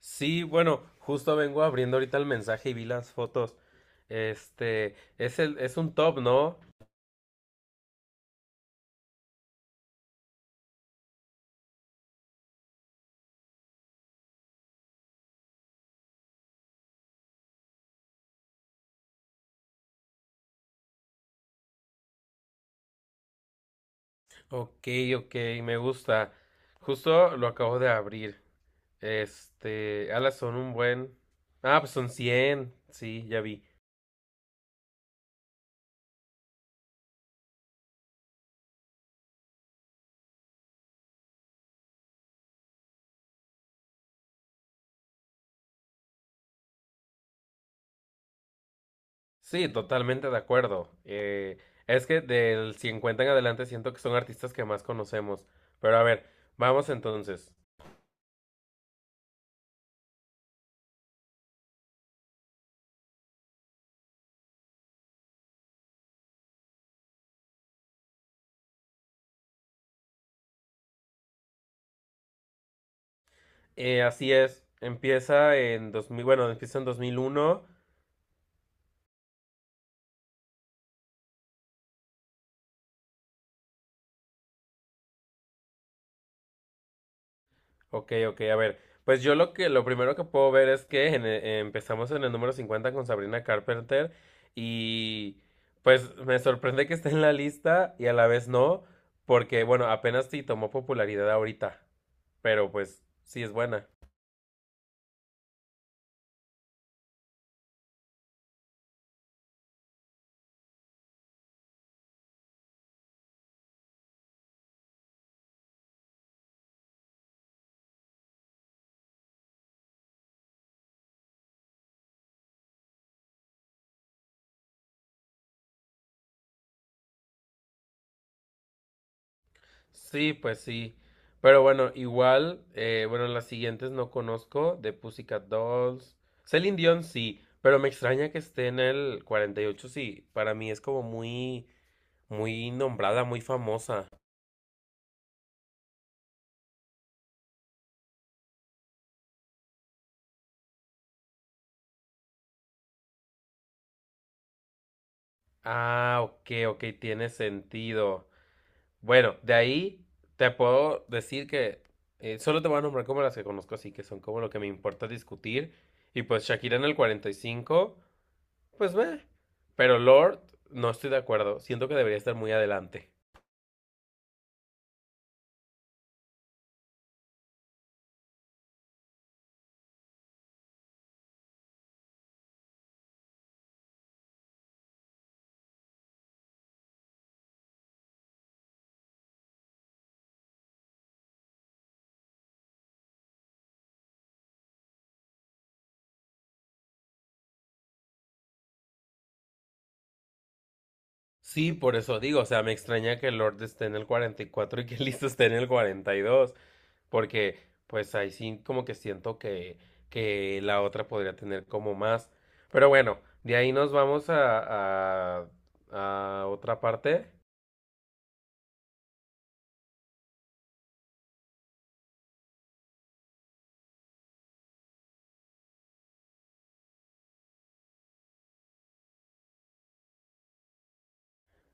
Sí, bueno, justo vengo abriendo ahorita el mensaje y vi las fotos. Este, es un top, ¿no? Ok, ok, me gusta. Justo lo acabo de abrir. Este, alas son un buen. Ah, pues son cien. Sí, ya vi. Sí, totalmente de acuerdo. Es que del 50 en adelante siento que son artistas que más conocemos. Pero a ver, vamos entonces. Así es. Empieza en 2000, bueno, empieza en 2001. Ok, ok, a ver. Pues yo lo primero que puedo ver es que empezamos en el número 50 con Sabrina Carpenter y pues me sorprende que esté en la lista y a la vez no, porque bueno, apenas sí tomó popularidad ahorita, pero pues sí es buena. Sí, pues sí. Pero bueno, igual, bueno, las siguientes no conozco, de Pussycat Dolls. Celine Dion sí, pero me extraña que esté en el 48, sí, para mí es como muy muy nombrada, muy famosa. Ah, ok, ok, tiene sentido. Bueno, de ahí te puedo decir que solo te voy a nombrar como las que conozco, así que son como lo que me importa discutir. Y pues Shakira en el 45, pues ve. Pero Lord, no estoy de acuerdo. Siento que debería estar muy adelante. Sí, por eso digo, o sea, me extraña que Lord esté en el 44 y que listo esté en el 42, porque pues ahí sí como que siento que la otra podría tener como más. Pero bueno, de ahí nos vamos a otra parte.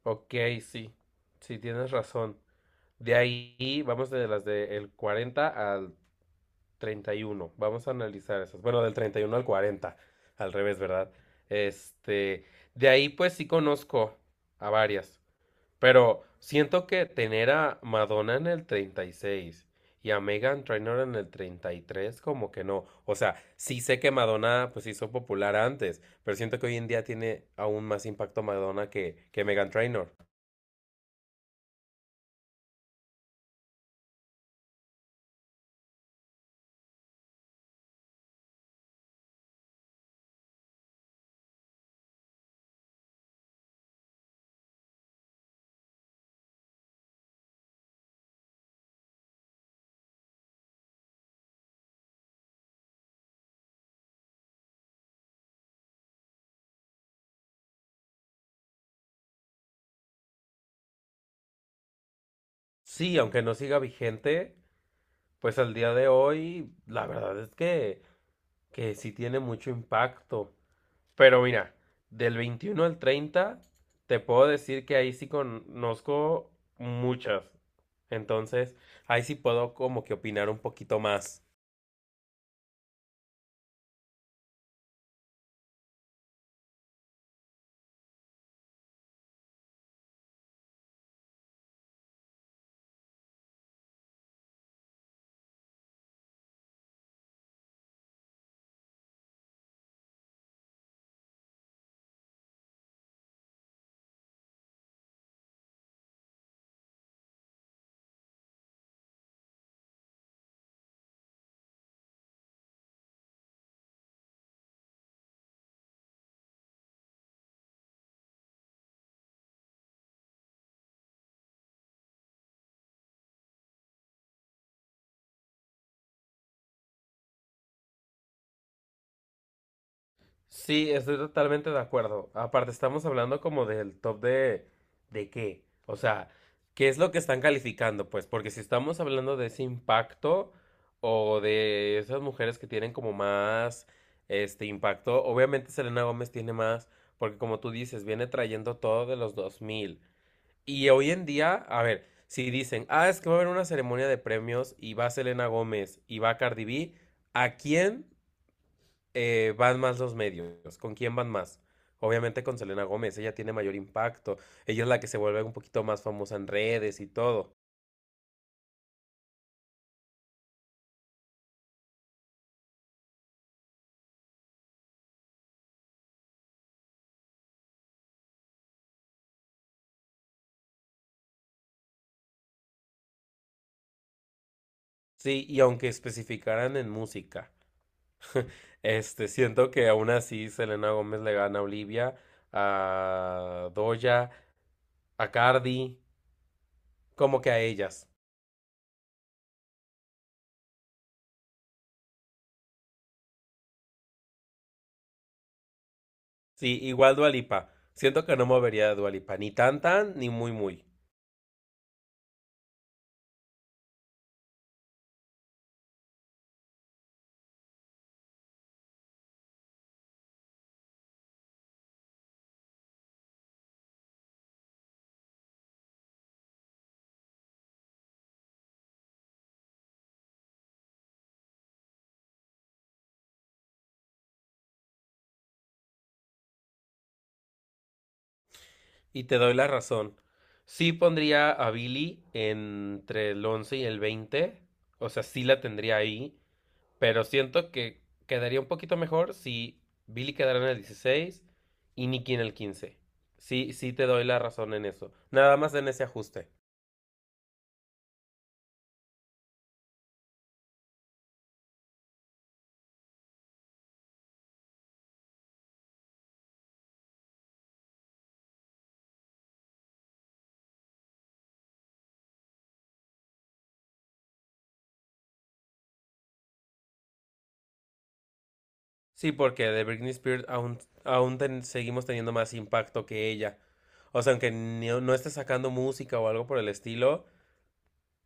Ok, sí, sí tienes razón. De ahí vamos de las del 40 al 31. Vamos a analizar esas. Bueno, del 31 al 40. Al revés, ¿verdad? Este, de ahí pues sí conozco a varias. Pero siento que tener a Madonna en el 36 y a Megan Trainor en el 33 como que no. O sea, sí sé que Madonna pues hizo popular antes, pero siento que hoy en día tiene aún más impacto Madonna que Megan Trainor. Sí, aunque no siga vigente, pues al día de hoy, la verdad es que sí tiene mucho impacto. Pero mira, del 21 al 30 te puedo decir que ahí sí conozco muchas. Entonces, ahí sí puedo como que opinar un poquito más. Sí, estoy totalmente de acuerdo. Aparte, estamos hablando como del top de qué. O sea, ¿qué es lo que están calificando? Pues, porque si estamos hablando de ese impacto o de esas mujeres que tienen como más este impacto, obviamente Selena Gómez tiene más, porque como tú dices, viene trayendo todo de los 2000. Y hoy en día, a ver, si dicen, ah, es que va a haber una ceremonia de premios y va Selena Gómez y va Cardi B, ¿a quién? Van más los medios. ¿Con quién van más? Obviamente con Selena Gómez, ella tiene mayor impacto, ella es la que se vuelve un poquito más famosa en redes y todo. Sí, y aunque especificaran en música, este, siento que aún así Selena Gómez le gana a Olivia, a Doja, a Cardi, como que a ellas. Sí, igual Dua Lipa. Siento que no movería a Dua Lipa, ni tan tan, ni muy muy. Y te doy la razón. Sí pondría a Billy entre el 11 y el 20. O sea, sí la tendría ahí. Pero siento que quedaría un poquito mejor si Billy quedara en el 16 y Nicky en el 15. Sí, sí te doy la razón en eso. Nada más en ese ajuste. Sí, porque de Britney Spears aún seguimos teniendo más impacto que ella. O sea, aunque no esté sacando música o algo por el estilo,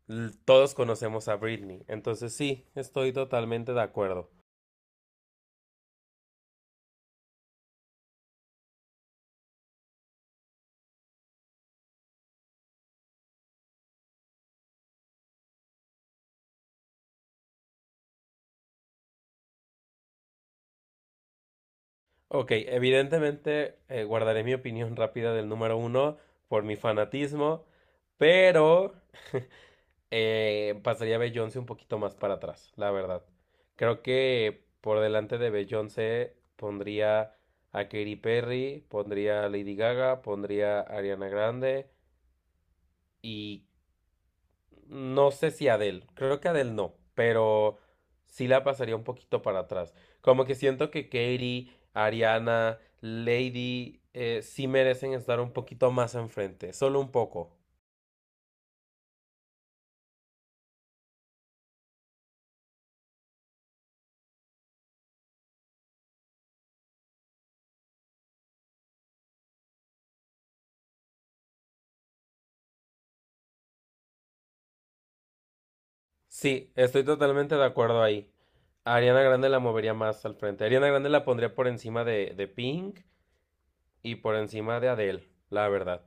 todos conocemos a Britney. Entonces sí, estoy totalmente de acuerdo. Ok, evidentemente guardaré mi opinión rápida del número uno por mi fanatismo, pero pasaría a Beyoncé un poquito más para atrás, la verdad. Creo que por delante de Beyoncé pondría a Katy Perry, pondría a Lady Gaga, pondría a Ariana Grande y no sé si Adele, creo que Adele no, pero sí la pasaría un poquito para atrás. Como que siento que Katy, Ariana, Lady sí merecen estar un poquito más enfrente, solo un poco. Sí, estoy totalmente de acuerdo ahí. A Ariana Grande la movería más al frente. Ariana Grande la pondría por encima de Pink y por encima de Adele, la verdad.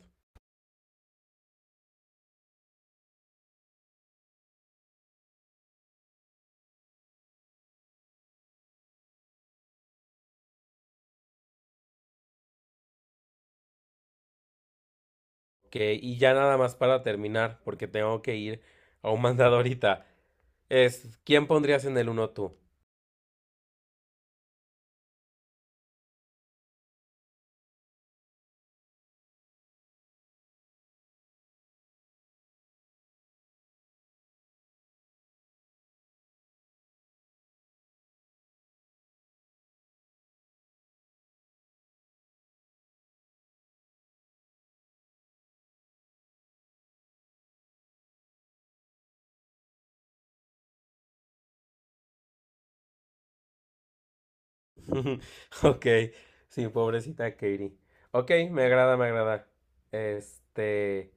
Que, y ya nada más para terminar, porque tengo que ir a un mandado ahorita. Es, ¿quién pondrías en el uno tú? Ok, sí, pobrecita Katie. Ok, me agrada, me agrada. Este,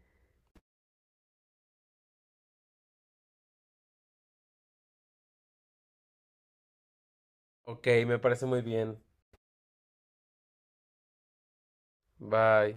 ok, me parece muy bien. Bye.